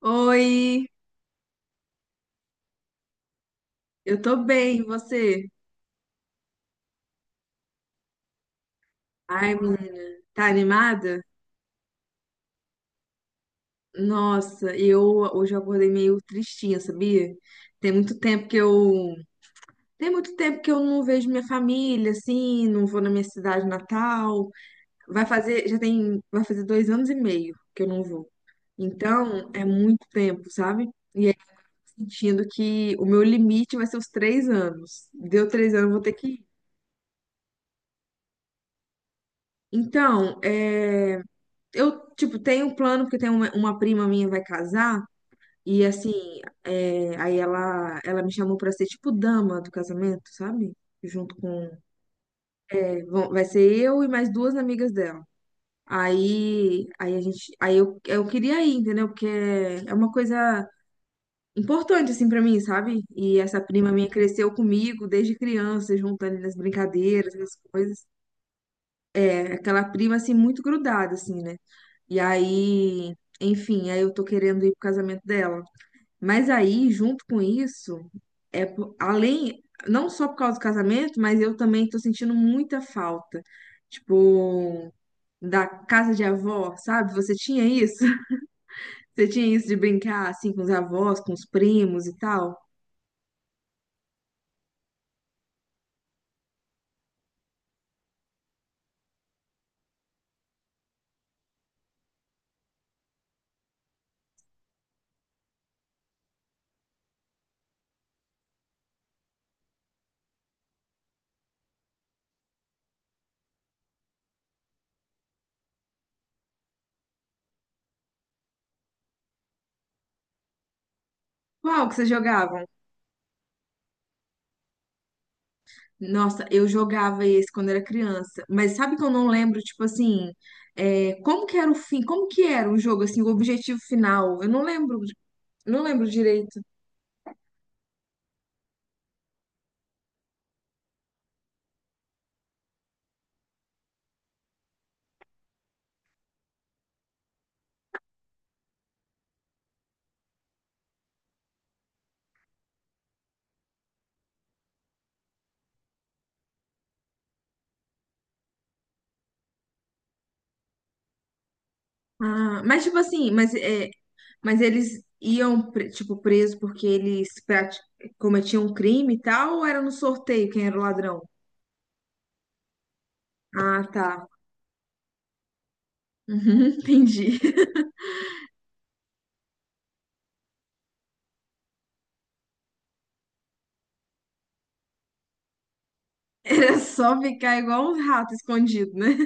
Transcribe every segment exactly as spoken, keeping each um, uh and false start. Oi, eu tô bem, e você? Ai, menina, tá animada? Nossa, eu hoje eu acordei meio tristinha, sabia? Tem muito tempo que eu tem muito tempo que eu não vejo minha família, assim, não vou na minha cidade natal. Vai fazer, já tem, vai fazer dois anos e meio que eu não vou. Então, é muito tempo, sabe? E aí, eu tô sentindo que o meu limite vai ser os três anos. Deu três anos, eu vou ter que ir. Então, é. Eu, tipo, tenho um plano, porque tem uma, uma prima minha vai casar, e assim, é, aí ela, ela me chamou pra ser, tipo, dama do casamento, sabe? Junto com. É, vão- vai ser eu e mais duas amigas dela. Aí, aí a gente, aí eu, eu queria ir, entendeu? Porque é é uma coisa importante, assim, pra mim, sabe? E essa prima minha cresceu comigo desde criança, junto ali nas brincadeiras, nas coisas. É aquela prima assim muito grudada, assim, né? E aí, enfim, aí eu tô querendo ir pro casamento dela. Mas aí, junto com isso, é po- além, não só por causa do casamento, mas eu também tô sentindo muita falta, tipo, da casa de avó, sabe? Você tinha isso? Você tinha isso de brincar assim com os avós, com os primos e tal? Qual que você jogava? Nossa, eu jogava esse quando era criança, mas sabe que eu não lembro, tipo assim, é, como que era o fim, como que era o jogo, assim, o objetivo final? Eu não lembro, não lembro direito. Ah, mas tipo assim, mas, é, mas eles iam, pre- tipo, preso porque eles prati- cometiam um crime e tal, ou era no sorteio quem era o ladrão? Ah, tá. Uhum, entendi. Era só ficar igual um rato escondido, né?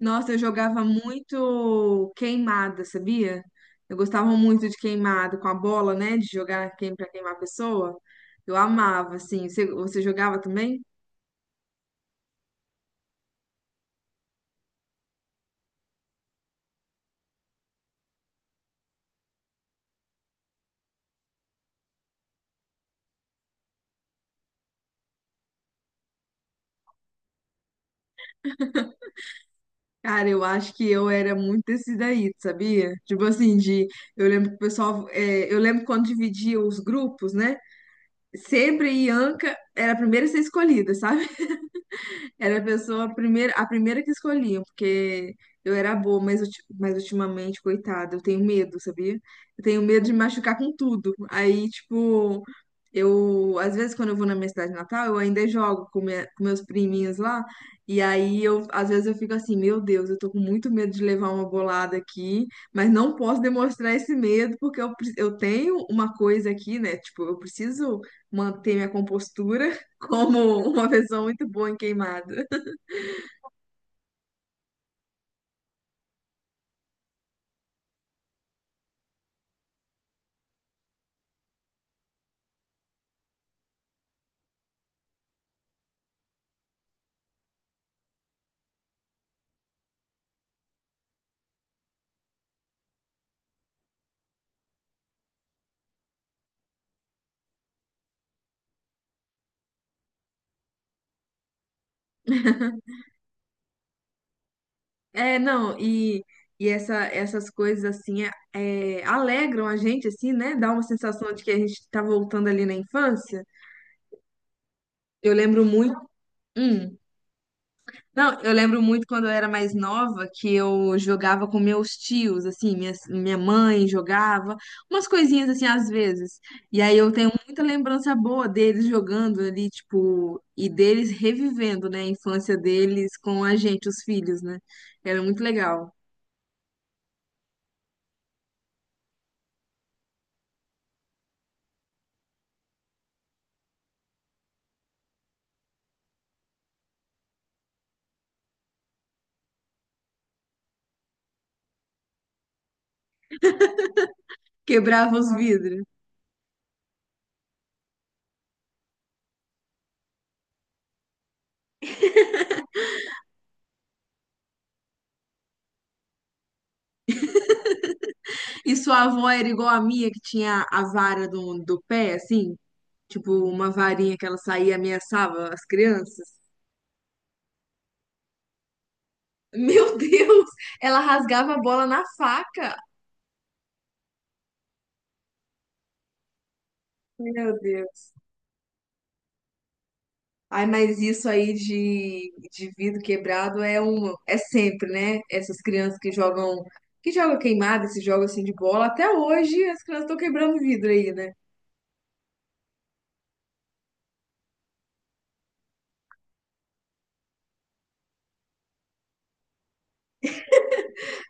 Nossa, eu jogava muito queimada, sabia? Eu gostava muito de queimada com a bola, né? De jogar quem pra queimar a pessoa. Eu amava, assim. Você, você jogava também? Cara, eu acho que eu era muito desse daí, sabia? Tipo assim, de, eu lembro que o pessoal, é, eu lembro quando dividia os grupos, né? Sempre a Ianca era a primeira a ser escolhida, sabe? Era a pessoa a primeira, a primeira, que escolhiam, porque eu era boa, mas, ulti- mas ultimamente, coitada, eu tenho medo, sabia? Eu tenho medo de me machucar com tudo. Aí, tipo, eu, às vezes, quando eu vou na minha cidade natal, eu ainda jogo com, minha- com meus priminhos lá. E aí, eu, às vezes, eu fico assim, meu Deus, eu tô com muito medo de levar uma bolada aqui, mas não posso demonstrar esse medo, porque eu, pre- eu tenho uma coisa aqui, né? Tipo, eu preciso manter minha compostura como uma pessoa muito boa em queimada. É, não, e, e essa, essas coisas assim é, é, alegram a gente, assim, né? Dá uma sensação de que a gente tá voltando ali na infância. Eu lembro muito. Hum. Não, eu lembro muito quando eu era mais nova que eu jogava com meus tios, assim, minha, minha mãe jogava umas coisinhas assim às vezes. E aí eu tenho muita lembrança boa deles jogando ali, tipo, e deles revivendo, né, a infância deles com a gente, os filhos, né? Era muito legal. Quebrava os vidros. E sua avó era igual a minha, que tinha a vara do, do pé, assim, tipo, uma varinha que ela saía e ameaçava as crianças. Meu Deus, ela rasgava a bola na faca. Meu Deus. Ai, mas isso aí de, de vidro quebrado é um, é sempre, né? Essas crianças que jogam, que jogam queimada, esse jogo assim de bola, até hoje as crianças estão quebrando vidro aí, né?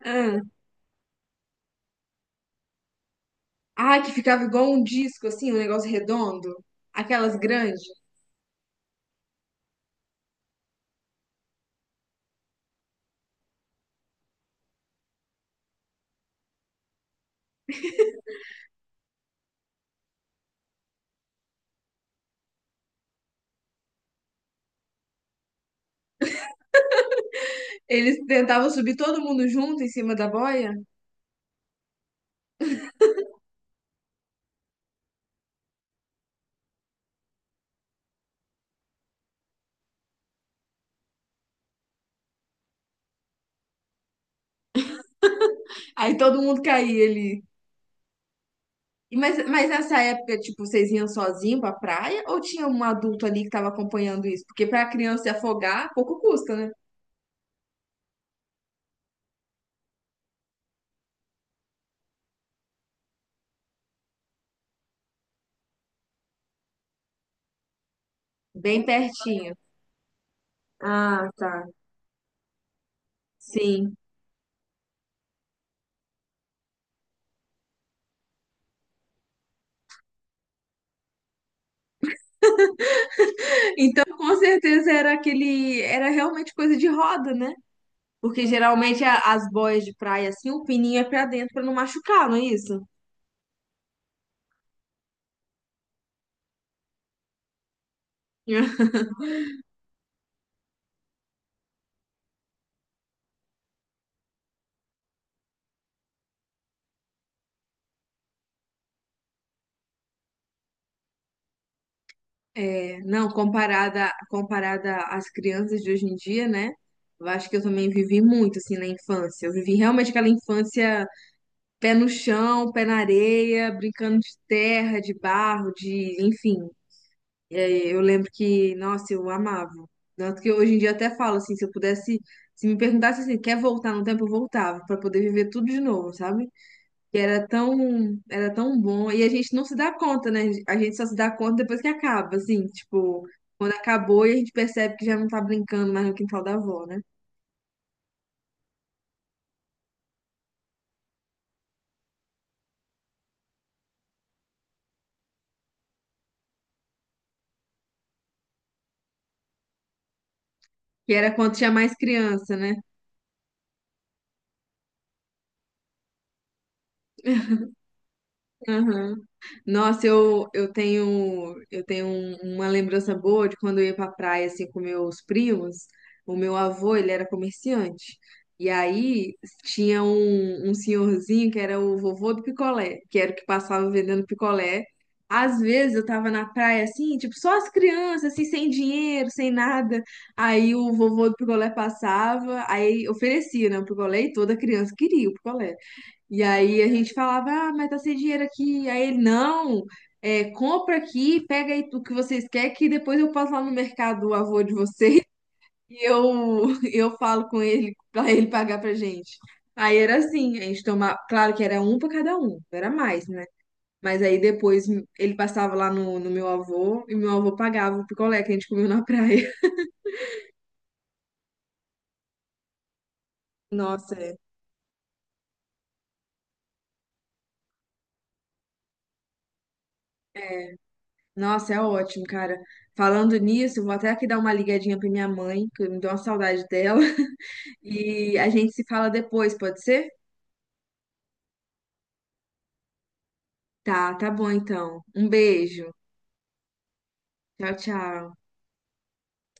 Ah, ai, que ficava igual um disco assim, um negócio redondo, aquelas grandes. Eles tentavam subir todo mundo junto em cima da boia, aí todo mundo caía ali. E Mas, mas nessa época, tipo, vocês iam sozinho pra praia ou tinha um adulto ali que tava acompanhando isso? Porque pra criança se afogar, pouco custa, né? Bem pertinho. Ah, tá. Sim. Então, com certeza era aquele, era realmente coisa de roda, né? Porque geralmente a- as boias de praia assim, o pininho é pra dentro pra não machucar, não é isso? É, não, comparada, comparada às crianças de hoje em dia, né? Eu acho que eu também vivi muito assim na infância. Eu vivi realmente aquela infância, pé no chão, pé na areia, brincando de terra, de barro, de, enfim. É, eu lembro que, nossa, eu amava. Tanto que hoje em dia eu até falo assim, se eu pudesse, se me perguntasse assim, quer voltar no tempo, eu voltava pra poder viver tudo de novo, sabe? Que era tão, era tão bom. E a gente não se dá conta, né? A gente só se dá conta depois que acaba, assim, tipo, quando acabou e a gente percebe que já não tá brincando mais no quintal da avó, né? Que era quando tinha mais criança, né? Aham. Nossa, eu, eu tenho eu tenho um- uma lembrança boa de quando eu ia pra praia assim com meus primos. O meu avô, ele era comerciante. E aí tinha um, um senhorzinho que era o vovô do picolé, que era o que passava vendendo picolé. Às vezes eu tava na praia assim, tipo, só as crianças, assim, sem dinheiro, sem nada. Aí o vovô do picolé passava, aí oferecia, né, o picolé, e toda criança queria o picolé. E aí a gente falava, ah, mas tá sem dinheiro aqui. Aí ele, não, é, compra aqui, pega aí o que vocês querem, que depois eu passo lá no mercado, o avô de vocês, e eu, eu falo com ele pra ele pagar pra gente. Aí era assim, a gente tomava, claro que era um pra cada um, era mais, né? Mas aí depois ele passava lá no, no meu avô e meu avô pagava o picolé que a gente comeu na praia. Nossa, é. É, nossa, é ótimo, cara. Falando nisso, eu vou até aqui dar uma ligadinha pra minha mãe, que me deu uma saudade dela. E a gente se fala depois, pode ser? Tá, tá bom então. Um beijo. Tchau, tchau.